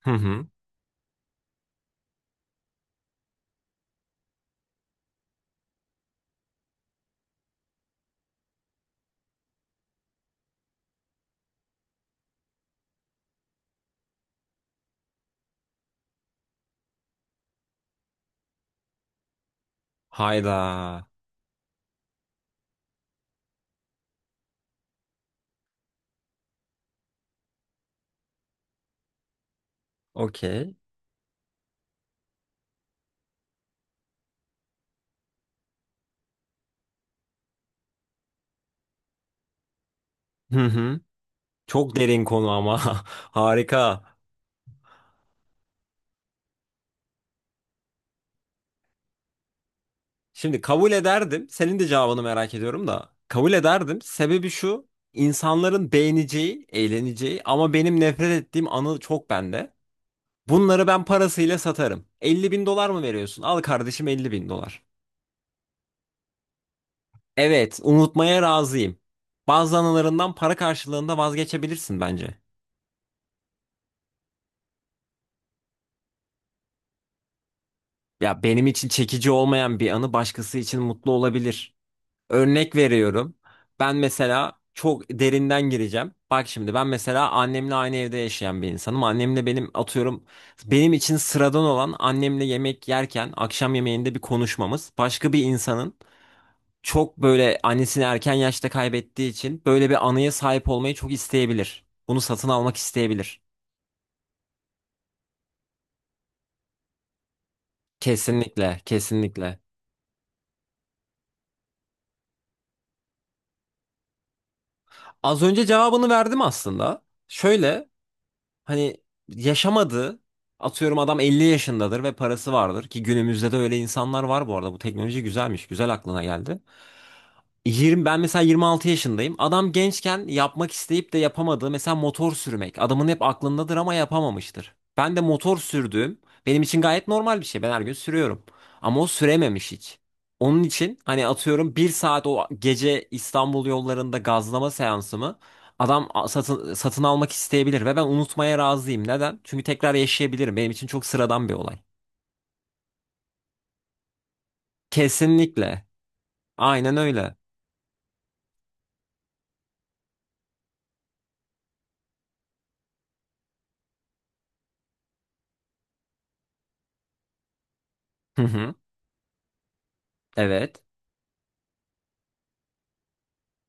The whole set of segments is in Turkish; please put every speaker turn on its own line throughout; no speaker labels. Hı hı. Hayda. Okey. Hı hı. Çok derin konu ama. Harika. Şimdi kabul ederdim. Senin de cevabını merak ediyorum da. Kabul ederdim. Sebebi şu. İnsanların beğeneceği, eğleneceği ama benim nefret ettiğim anı çok bende. Bunları ben parasıyla satarım. 50 bin dolar mı veriyorsun? Al kardeşim 50 bin dolar. Evet, unutmaya razıyım. Bazı anılarından para karşılığında vazgeçebilirsin bence. Ya benim için çekici olmayan bir anı başkası için mutlu olabilir. Örnek veriyorum. Ben mesela çok derinden gireceğim. Bak şimdi ben mesela annemle aynı evde yaşayan bir insanım. Annemle benim atıyorum benim için sıradan olan annemle yemek yerken akşam yemeğinde bir konuşmamız başka bir insanın çok böyle annesini erken yaşta kaybettiği için böyle bir anıya sahip olmayı çok isteyebilir. Bunu satın almak isteyebilir. Kesinlikle, kesinlikle. Az önce cevabını verdim aslında. Şöyle hani yaşamadı. Atıyorum adam 50 yaşındadır ve parası vardır ki günümüzde de öyle insanlar var bu arada. Bu teknoloji güzelmiş. Güzel aklına geldi. 20, ben mesela 26 yaşındayım. Adam gençken yapmak isteyip de yapamadığı mesela motor sürmek. Adamın hep aklındadır ama yapamamıştır. Ben de motor sürdüğüm benim için gayet normal bir şey. Ben her gün sürüyorum. Ama o sürememiş hiç. Onun için hani atıyorum bir saat o gece İstanbul yollarında gazlama seansımı satın, satın almak isteyebilir ve ben unutmaya razıyım. Neden? Çünkü tekrar yaşayabilirim. Benim için çok sıradan bir olay. Kesinlikle. Aynen öyle. Hı hı. Evet.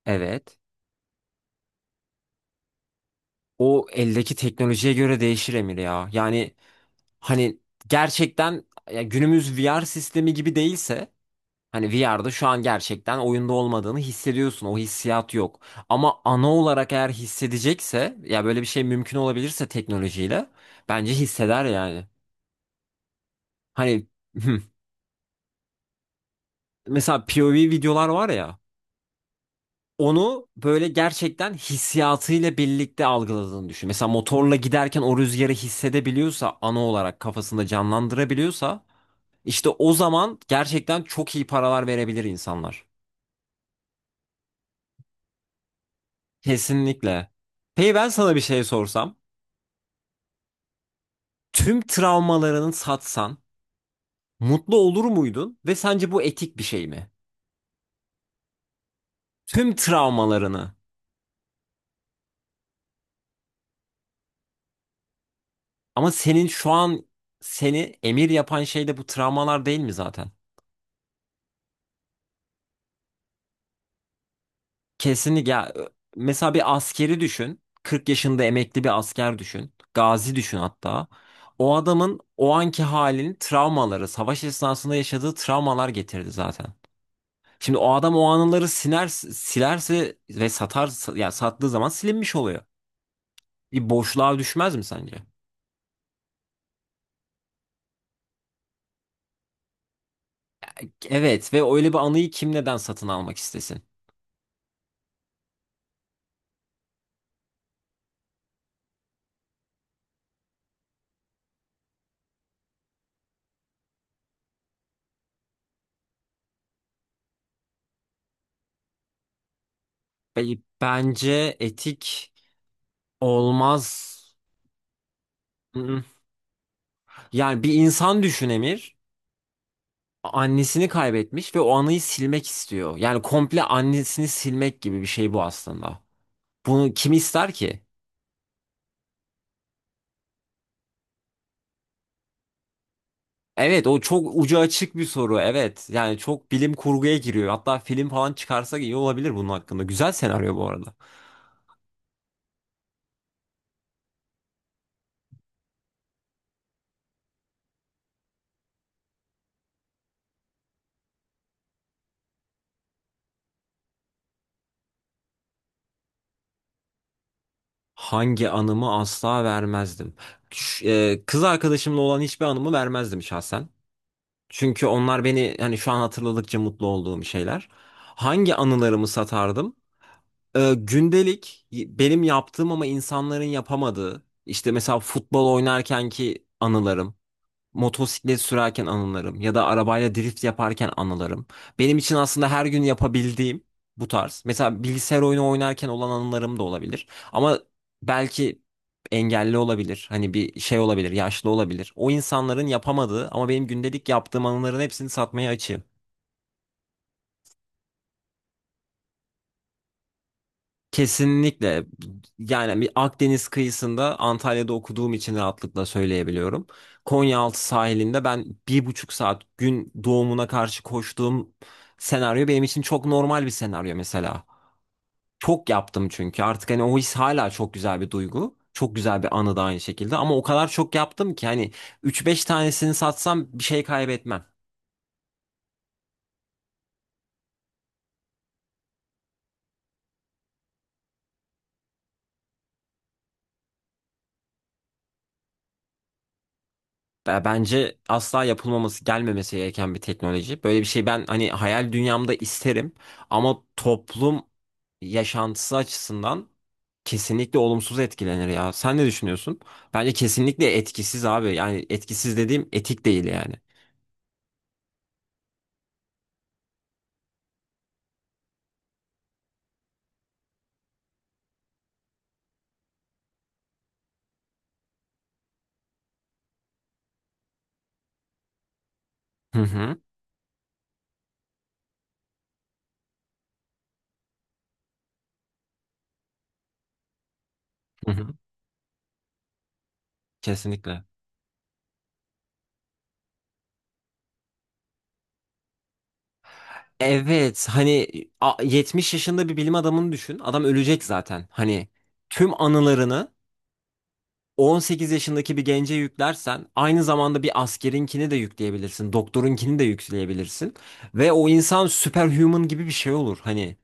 Evet. O eldeki teknolojiye göre değişir Emir ya. Yani hani gerçekten ya günümüz VR sistemi gibi değilse hani VR'da şu an gerçekten oyunda olmadığını hissediyorsun. O hissiyat yok. Ama ana olarak eğer hissedecekse ya böyle bir şey mümkün olabilirse teknolojiyle bence hisseder yani. Hani mesela POV videolar var ya onu böyle gerçekten hissiyatıyla birlikte algıladığını düşün. Mesela motorla giderken o rüzgarı hissedebiliyorsa, ana olarak kafasında canlandırabiliyorsa, işte o zaman gerçekten çok iyi paralar verebilir insanlar. Kesinlikle. Peki ben sana bir şey sorsam, tüm travmalarını satsan mutlu olur muydun ve sence bu etik bir şey mi? Tüm travmalarını. Ama senin şu an seni emir yapan şey de bu travmalar değil mi zaten? Kesinlikle ya, mesela bir askeri düşün. 40 yaşında emekli bir asker düşün. Gazi düşün hatta. O adamın o anki halinin travmaları, savaş esnasında yaşadığı travmalar getirdi zaten. Şimdi o adam o anıları siner, silerse ve satar ya sattığı zaman silinmiş oluyor. Bir boşluğa düşmez mi sence? Evet ve öyle bir anıyı kim neden satın almak istesin? Bence etik olmaz. Mm-mm. Yani bir insan düşün Emir. Annesini kaybetmiş ve o anıyı silmek istiyor. Yani komple annesini silmek gibi bir şey bu aslında. Bunu kim ister ki? Evet, o çok ucu açık bir soru. Evet, yani çok bilim kurguya giriyor. Hatta film falan çıkarsak iyi olabilir bunun hakkında. Güzel senaryo bu arada. Hangi anımı asla vermezdim? Kız arkadaşımla olan hiçbir anımı vermezdim şahsen. Çünkü onlar beni hani şu an hatırladıkça mutlu olduğum şeyler. Hangi anılarımı satardım? Gündelik benim yaptığım ama insanların yapamadığı işte mesela futbol oynarken ki anılarım, motosiklet sürerken anılarım ya da arabayla drift yaparken anılarım. Benim için aslında her gün yapabildiğim bu tarz. Mesela bilgisayar oyunu oynarken olan anılarım da olabilir. Ama belki engelli olabilir. Hani bir şey olabilir, yaşlı olabilir. O insanların yapamadığı ama benim gündelik yaptığım anıların hepsini satmaya açığım. Kesinlikle, yani bir Akdeniz kıyısında Antalya'da okuduğum için rahatlıkla söyleyebiliyorum. Konyaaltı sahilinde ben bir buçuk saat gün doğumuna karşı koştuğum senaryo benim için çok normal bir senaryo mesela. Çok yaptım çünkü artık hani o his hala çok güzel bir duygu. Çok güzel bir anı da aynı şekilde ama o kadar çok yaptım ki hani üç beş tanesini satsam bir şey kaybetmem. Bence asla yapılmaması, gelmemesi gereken bir teknoloji. Böyle bir şey ben hani hayal dünyamda isterim ama toplum yaşantısı açısından kesinlikle olumsuz etkilenir ya. Sen ne düşünüyorsun? Bence kesinlikle etkisiz abi. Yani etkisiz dediğim etik değil yani. Hı hı. Hı hı. Kesinlikle. Evet hani 70 yaşında bir bilim adamını düşün. Adam ölecek zaten. Hani tüm anılarını 18 yaşındaki bir gence yüklersen aynı zamanda bir askerinkini de yükleyebilirsin. Doktorunkini de yükleyebilirsin. Ve o insan superhuman gibi bir şey olur. Hani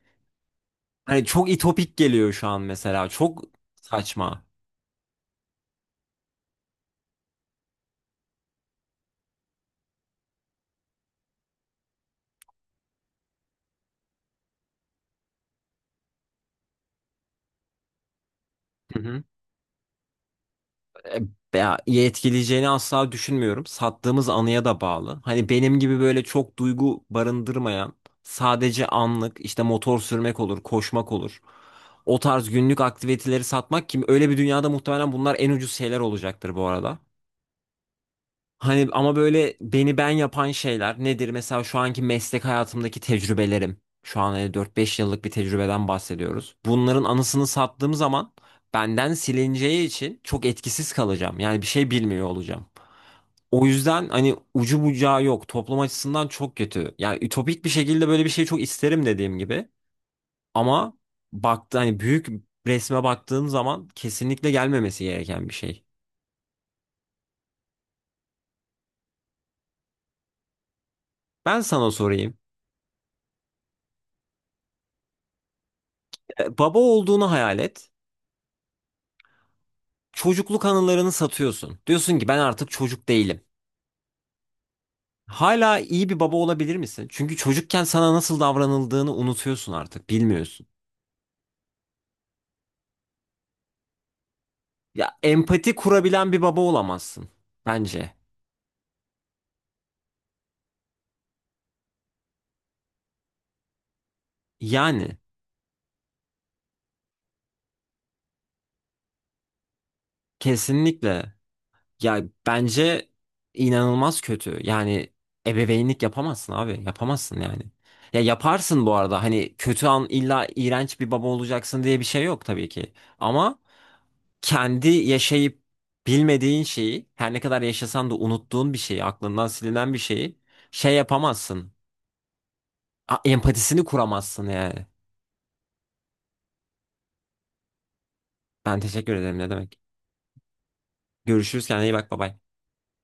hani çok itopik geliyor şu an mesela. Çok saçma. Ya, etkileyeceğini asla düşünmüyorum. Sattığımız anıya da bağlı. Hani benim gibi böyle çok duygu barındırmayan, sadece anlık işte motor sürmek olur, koşmak olur. O tarz günlük aktiviteleri satmak kim? Öyle bir dünyada muhtemelen bunlar en ucuz şeyler olacaktır bu arada. Hani ama böyle beni ben yapan şeyler nedir? Mesela şu anki meslek hayatımdaki tecrübelerim. Şu an hani 4-5 yıllık bir tecrübeden bahsediyoruz. Bunların anısını sattığım zaman benden silineceği için çok etkisiz kalacağım. Yani bir şey bilmiyor olacağım. O yüzden hani ucu bucağı yok. Toplum açısından çok kötü. Yani ütopik bir şekilde böyle bir şey çok isterim dediğim gibi. Ama baktı hani büyük resme baktığım zaman kesinlikle gelmemesi gereken bir şey. Ben sana sorayım. Baba olduğunu hayal et. Çocukluk anılarını satıyorsun. Diyorsun ki ben artık çocuk değilim. Hala iyi bir baba olabilir misin? Çünkü çocukken sana nasıl davranıldığını unutuyorsun artık, bilmiyorsun. Ya empati kurabilen bir baba olamazsın bence. Yani kesinlikle, ya bence inanılmaz kötü. Yani ebeveynlik yapamazsın abi, yapamazsın yani. Ya yaparsın bu arada hani kötü an illa iğrenç bir baba olacaksın diye bir şey yok tabii ki. Ama kendi yaşayıp bilmediğin şeyi, her ne kadar yaşasan da unuttuğun bir şeyi, aklından silinen bir şeyi şey yapamazsın. Empatisini kuramazsın yani. Ben teşekkür ederim ne demek. Görüşürüz, kendine iyi bak, bay bay.